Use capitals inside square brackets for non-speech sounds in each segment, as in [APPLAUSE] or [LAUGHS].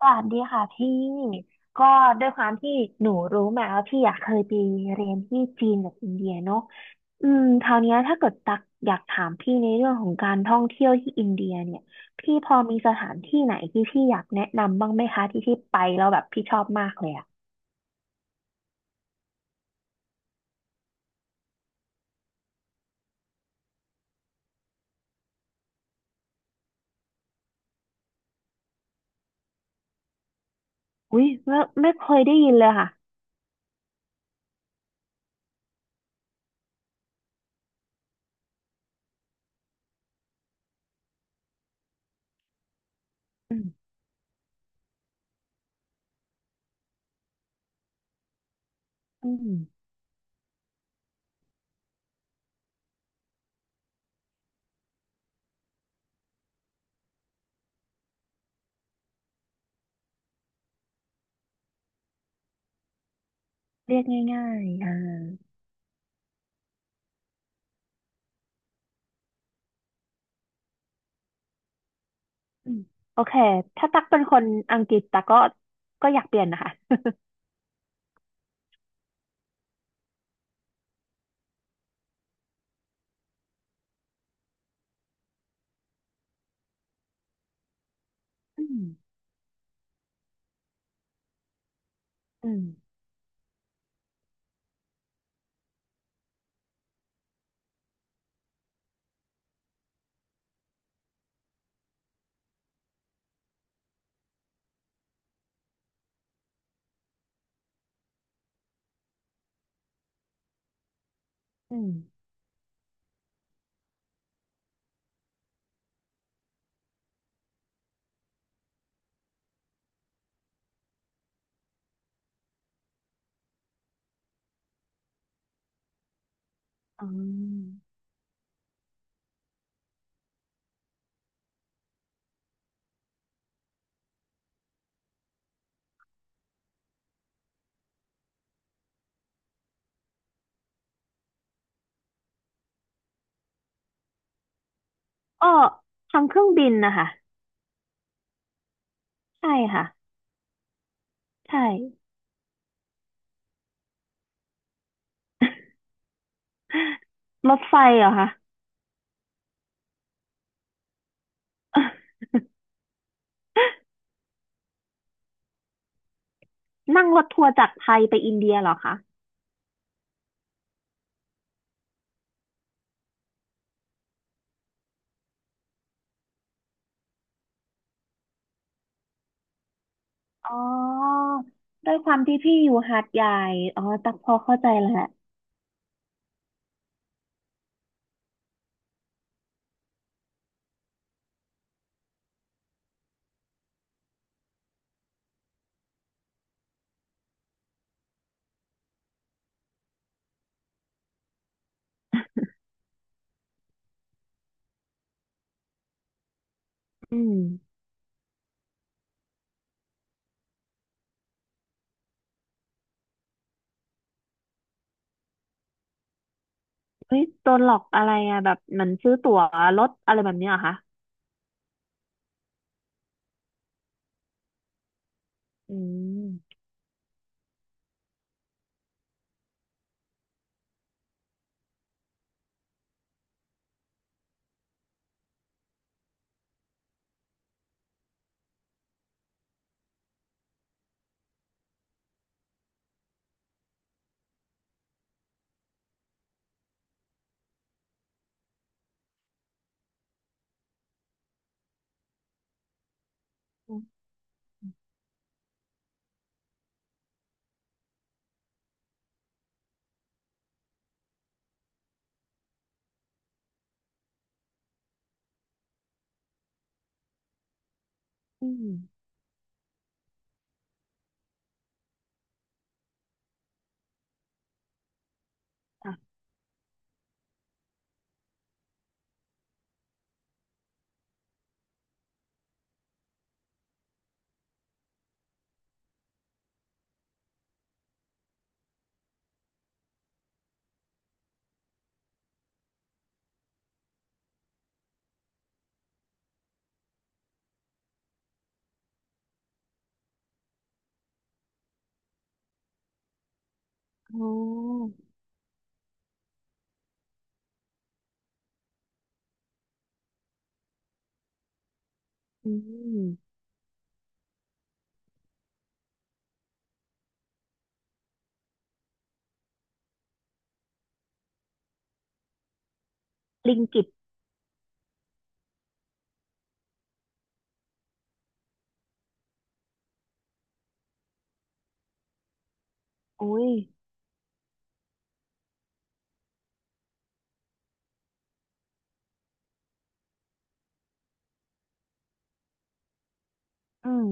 สวัสดีค่ะพี่ก็ด้วยความที่หนูรู้มาว่าพี่อยากเคยไปเรียนที่จีนกับอินเดียเนาะอืมคราวเนี้ยถ้าเกิดตักอยากถามพี่ในเรื่องของการท่องเที่ยวที่อินเดียเนี่ยพี่พอมีสถานที่ไหนที่พี่อยากแนะนำบ้างไหมคะที่ที่ไปแล้วแบบพี่ชอบมากเลยอ่ะอุ้ยไม่เคยได้ยินเลยค่ะอืมอืมเรียกง่ายๆอ่าอืมโอเคถ้าตักเป็นคนอังกฤษตักก็อยากเปลี่ยนนะคะอืมอืมอืมอ๋อ เออทางเครื่องบินนะคะใช่ค่ะใช่รถไฟเหรอคะนั่งรถทัวร์จากไทยไปอินเดียเหรอคะอ๋อด้วยความที่พี่อยู่หาดใหญ่อ๋อตักพอเข้าใจแล้วอืมเฮ้ยโดนหลอกอะไรอะแบบเหมือนซื้อตั๋วรถอะไรแบบเนี้ยเหรอคะอืมอืมอ่ะอ๋ออืมลิงกิตโอ้ยอืม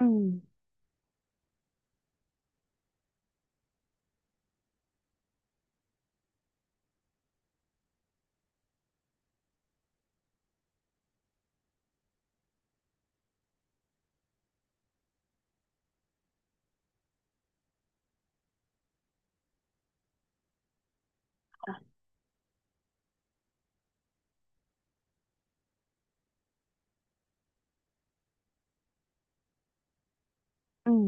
อืมอืม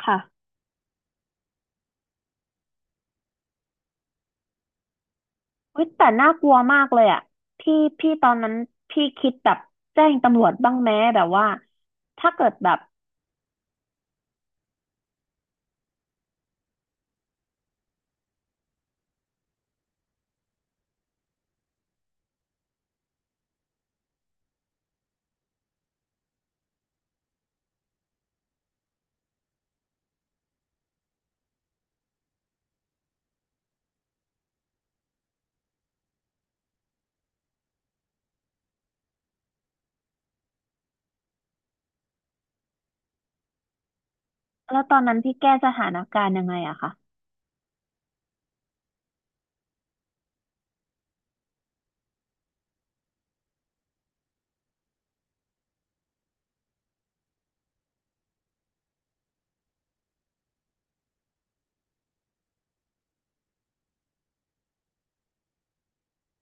ค่ะ เฮ้ยแต่น่ากลัวมากเลยอ่ะพี่ตอนนั้นพี่คิดแบบแจ้งตำรวจบ้างไหมแบบว่าถ้าเกิดแบบแล้วตอนนั้นพี่แก้สถานการณ์ยังไงอะคะ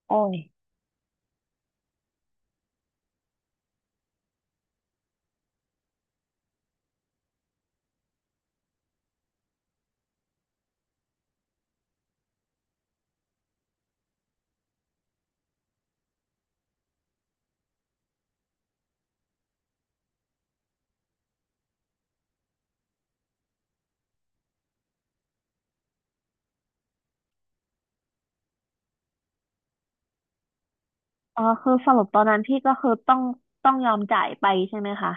โอ้ยอ๋อคือสรุปตอนนั้นพี่ก็คือต้องยอมจ่ายไปใช่ไหมคะ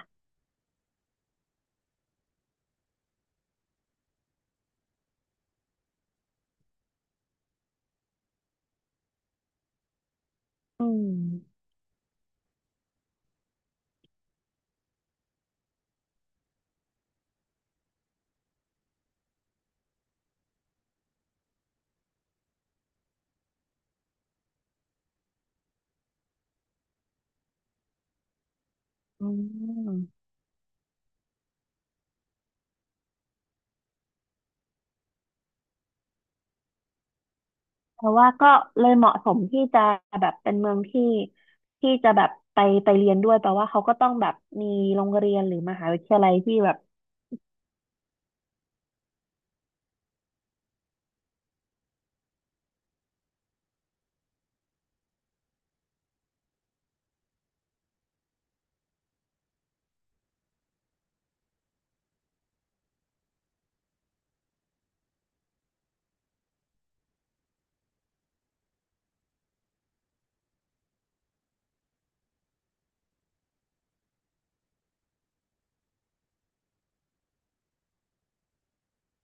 อืมอืมแต่ว่าก็เลยเหมาะสมที่จะแบบเป็นเมืองที่จะแบบไปเรียนด้วยแปลว่าเขาก็ต้องแบบมีโรงเรียนหรือมหาวิทยาลัยที่แบบ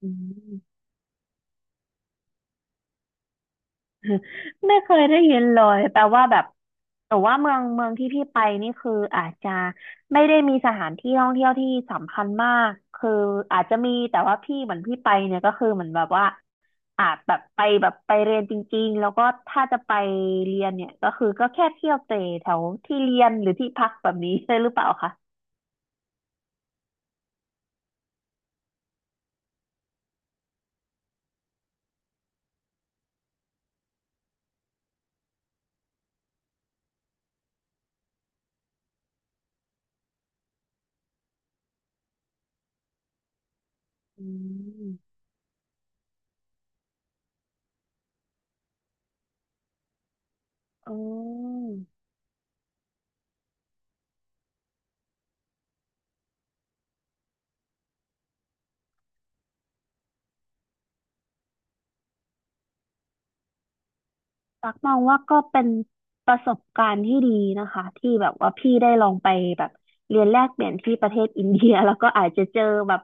อืม [LAUGHS] ไม่เคยได้ยินเลยแปลว่าแบบแต่ว่าเมืองที่พี่ไปนี่คืออาจจะไม่ได้มีสถานที่ท่องเที่ยวที่สำคัญมากคืออาจจะมีแต่ว่าพี่เหมือนพี่ไปเนี่ยก็คือเหมือนแบบว่าอาจแบบไปแบบไปเรียนจริงๆแล้วก็ถ้าจะไปเรียนเนี่ยก็คือก็แค่เที่ยวเตะแถวที่เรียนหรือที่พักแบบนี้ใช่หรือเปล่าคะอืมอืม ตักมองว่าก็เป็นประสบการณ์ที่ดีนะคะที่แบบว่าพี่ได้ลองไปแบบเรียนแลกเปลี่ยนที่ประเทศอินเดีย [LAUGHS] แล้วก็อาจจะเจอแบบ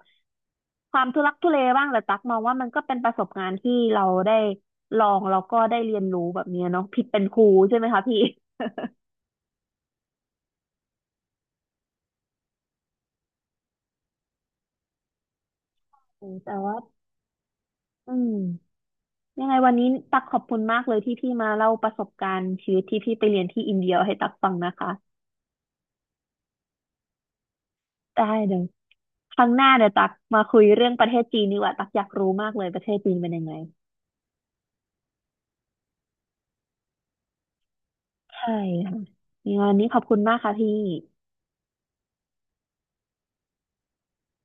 ความทุลักทุเลบ้างแต่ตักมองว่ามันก็เป็นประสบการณ์ที่เราได้ลองแล้วก็ได้เรียนรู้แบบเนี้ยเนาะผิดเป็นครูใช่ไหมคะพี่อืมแต่ว่าอืมยังไงวันนี้ตักขอบคุณมากเลยที่พี่มาเล่าประสบการณ์ชีวิตที่พี่ไปเรียนที่อินเดียให้ตักฟังนะคะได้เดี๋ยวครั้งหน้าเดี๋ยวตักมาคุยเรื่องประเทศจีนดีกว่าตักอยากรู้มากเลยประเทศจีนเป็นยังไง ใช่ค่ะยังไงวันนี้ขอบคุณมากค่ะพี่